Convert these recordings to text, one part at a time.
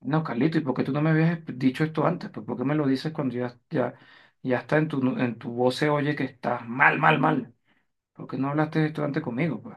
No, Carlito, ¿y por qué tú no me habías dicho esto antes? Pues, ¿por qué me lo dices cuando ya está en tu voz se oye que estás mal, mal, mal? ¿Por qué no hablaste de esto antes conmigo, pues?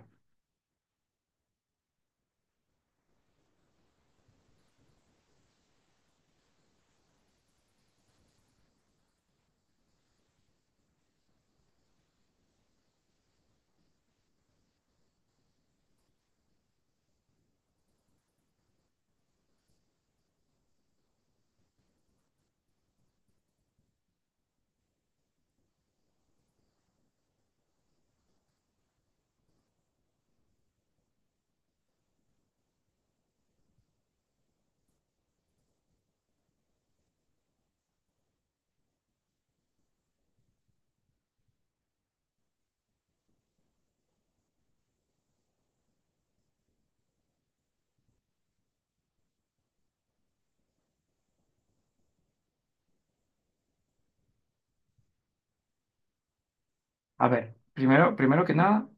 A ver, primero, primero que nada,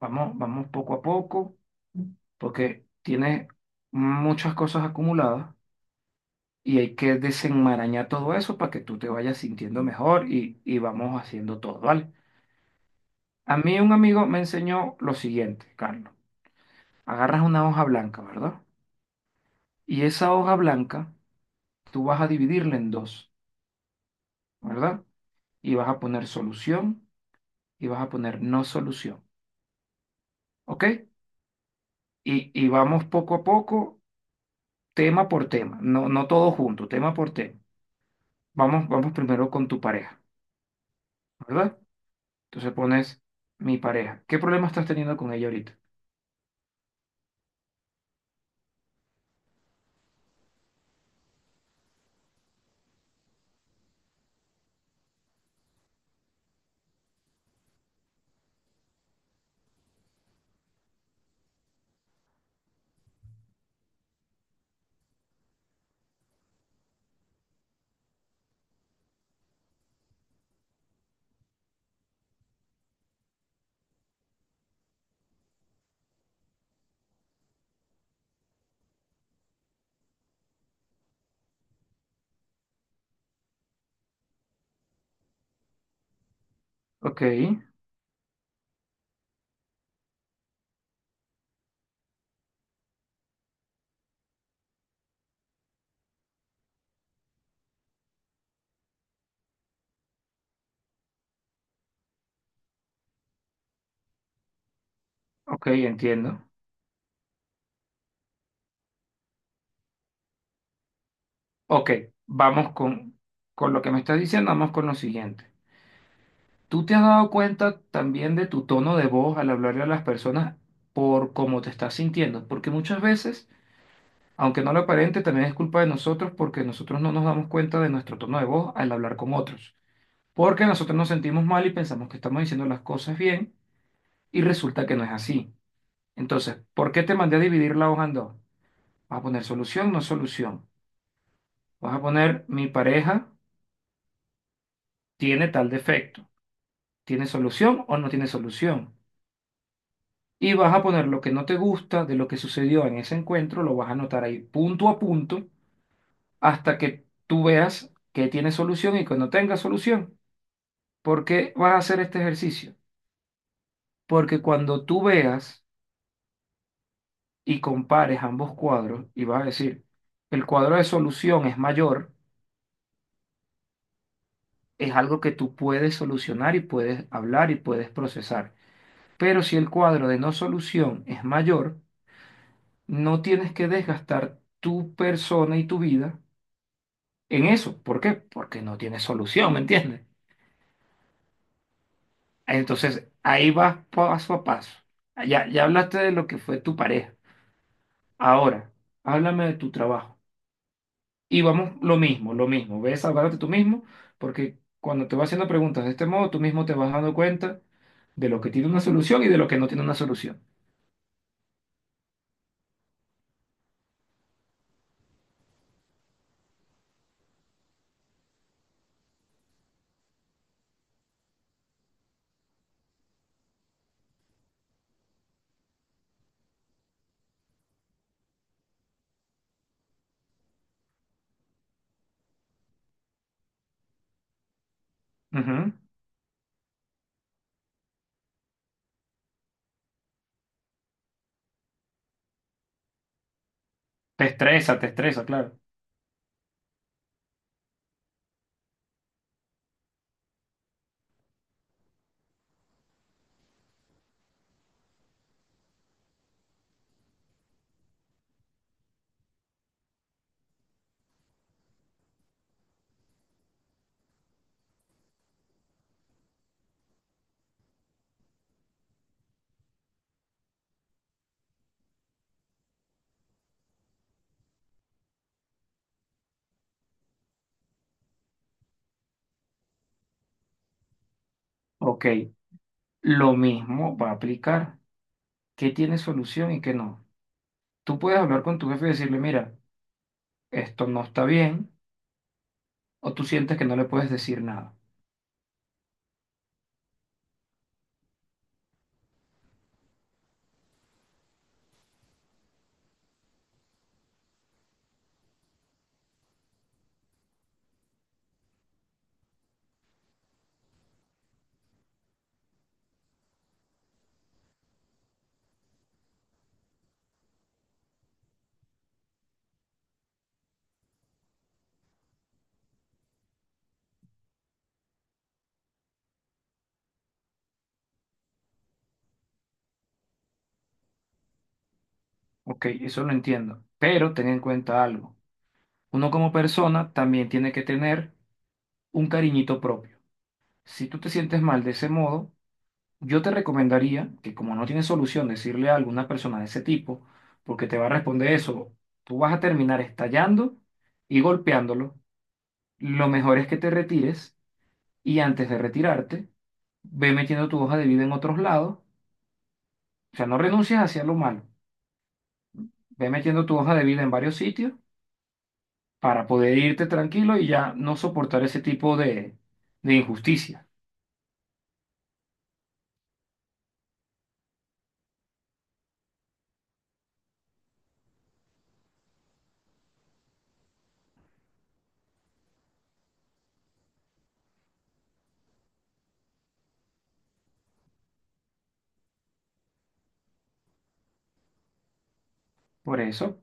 vamos, vamos poco a poco, porque tienes muchas cosas acumuladas y hay que desenmarañar todo eso para que tú te vayas sintiendo mejor y vamos haciendo todo, ¿vale? A mí un amigo me enseñó lo siguiente, Carlos. Agarras una hoja blanca, ¿verdad? Y esa hoja blanca tú vas a dividirla en dos, ¿verdad? Y vas a poner solución y vas a poner no solución, ¿ok? Y vamos poco a poco, tema por tema, no, no todo junto, tema por tema. Vamos, vamos primero con tu pareja, ¿verdad? Entonces pones mi pareja. ¿Qué problema estás teniendo con ella ahorita? Ok, ok, entiendo. Ok, vamos con lo que me estás diciendo, vamos con lo siguiente. ¿Tú te has dado cuenta también de tu tono de voz al hablarle a las personas por cómo te estás sintiendo? Porque muchas veces, aunque no lo aparente, también es culpa de nosotros porque nosotros no nos damos cuenta de nuestro tono de voz al hablar con otros. Porque nosotros nos sentimos mal y pensamos que estamos diciendo las cosas bien y resulta que no es así. Entonces, ¿por qué te mandé a dividir la hoja en dos? Vas a poner solución, no solución. Vas a poner mi pareja tiene tal defecto. ¿Tiene solución o no tiene solución? Y vas a poner lo que no te gusta de lo que sucedió en ese encuentro, lo vas a anotar ahí punto a punto hasta que tú veas que tiene solución y que no tenga solución. ¿Por qué vas a hacer este ejercicio? Porque cuando tú veas y compares ambos cuadros y vas a decir, el cuadro de solución es mayor, es algo que tú puedes solucionar y puedes hablar y puedes procesar. Pero si el cuadro de no solución es mayor, no tienes que desgastar tu persona y tu vida en eso. ¿Por qué? Porque no tiene solución, ¿me entiendes? Entonces, ahí vas paso a paso. Ya, ya hablaste de lo que fue tu pareja. Ahora, háblame de tu trabajo. Y vamos, lo mismo, lo mismo. Ves, háblate tú mismo, porque cuando te vas haciendo preguntas de este modo, tú mismo te vas dando cuenta de lo que tiene una solución y de lo que no tiene una solución. Ujú. Te estresa, claro. Ok, lo mismo va a aplicar. ¿Qué tiene solución y qué no? Tú puedes hablar con tu jefe y decirle, mira, esto no está bien o tú sientes que no le puedes decir nada. Ok, eso lo entiendo, pero ten en cuenta algo. Uno como persona también tiene que tener un cariñito propio. Si tú te sientes mal de ese modo, yo te recomendaría que como no tienes solución decirle a alguna persona de ese tipo, porque te va a responder eso, tú vas a terminar estallando y golpeándolo. Lo mejor es que te retires y antes de retirarte, ve metiendo tu hoja de vida en otros lados. O sea, no renuncies hacia lo malo. Ve metiendo tu hoja de vida en varios sitios para poder irte tranquilo y ya no soportar ese tipo de injusticia. Por eso,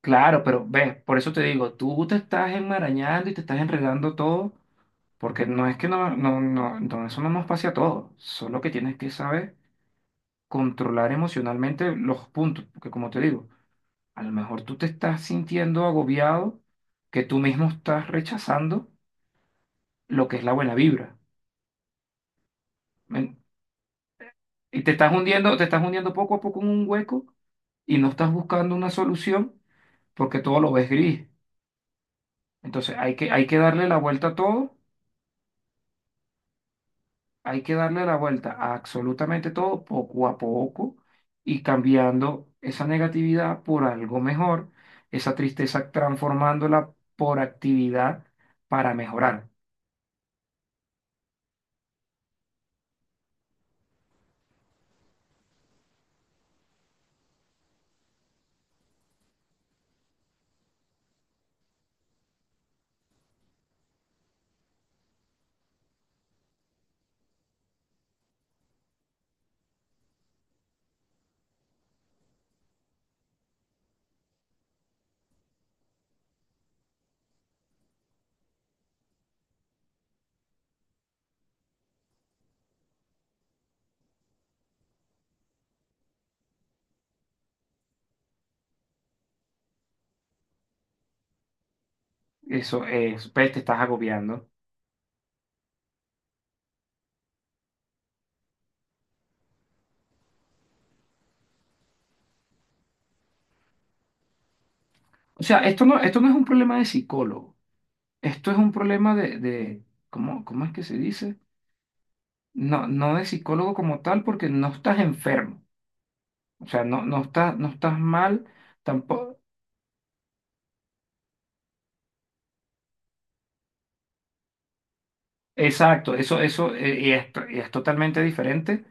claro, pero ves, por eso te digo, tú te estás enmarañando y te estás enredando todo, porque no es que no, eso no nos pase a todos, solo que tienes que saber controlar emocionalmente los puntos, porque como te digo, a lo mejor tú te estás sintiendo agobiado, que tú mismo estás rechazando lo que es la buena vibra. ¿Me- Y te estás hundiendo poco a poco en un hueco y no estás buscando una solución porque todo lo ves gris. Entonces hay que darle la vuelta a todo, hay que darle la vuelta a absolutamente todo poco a poco y cambiando esa negatividad por algo mejor, esa tristeza transformándola por actividad para mejorar. Eso es, ves, te estás agobiando. O sea, esto no es un problema de psicólogo, esto es un problema de ¿cómo, cómo es que se dice? No, no de psicólogo como tal, porque no estás enfermo, o sea, no estás mal tampoco. Exacto, eso, y es, y es totalmente diferente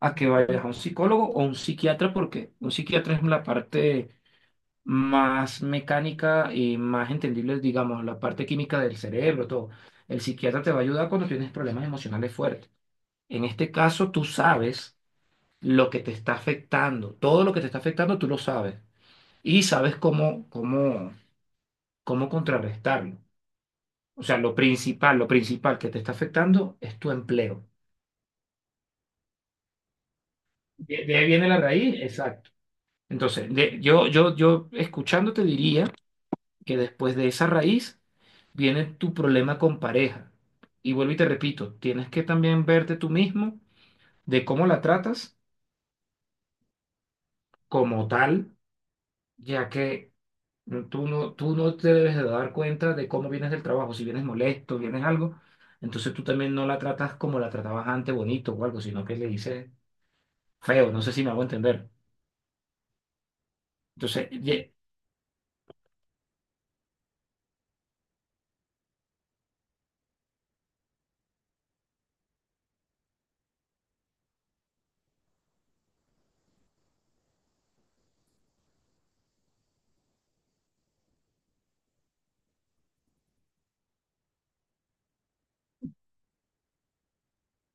a que vayas a un psicólogo o un psiquiatra, porque un psiquiatra es la parte más mecánica y más entendible, digamos, la parte química del cerebro, todo. El psiquiatra te va a ayudar cuando tienes problemas emocionales fuertes. En este caso, tú sabes lo que te está afectando, todo lo que te está afectando, tú lo sabes y sabes cómo, cómo cómo contrarrestarlo. O sea, lo principal que te está afectando es tu empleo. De ahí viene la raíz, exacto. Entonces, yo escuchándote diría que después de esa raíz viene tu problema con pareja. Y vuelvo y te repito, tienes que también verte tú mismo de cómo la tratas como tal, ya que no, tú tú no te debes de dar cuenta de cómo vienes del trabajo. Si vienes molesto, vienes algo, entonces tú también no la tratas como la tratabas antes, bonito o algo, sino que le dices feo. No sé si me hago entender. Entonces,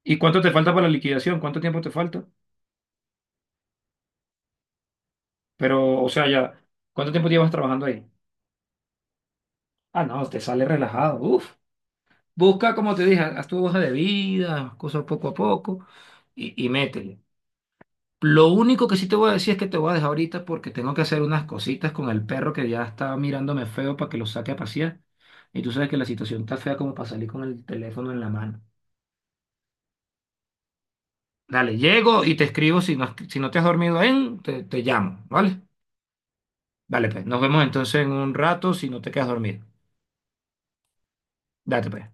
¿y cuánto te falta para la liquidación? ¿Cuánto tiempo te falta? Pero, o sea, ya, ¿cuánto tiempo llevas trabajando ahí? Ah, no, te sale relajado. Uf. Busca, como te dije, haz tu hoja de vida, cosas poco a poco y métele. Lo único que sí te voy a decir es que te voy a dejar ahorita porque tengo que hacer unas cositas con el perro que ya está mirándome feo para que lo saque a pasear. Y tú sabes que la situación está fea como para salir con el teléfono en la mano. Dale, llego y te escribo. Si no, si no te has dormido en, te llamo, ¿vale? Dale, pues. Nos vemos entonces en un rato si no te quedas dormido. Date, pues.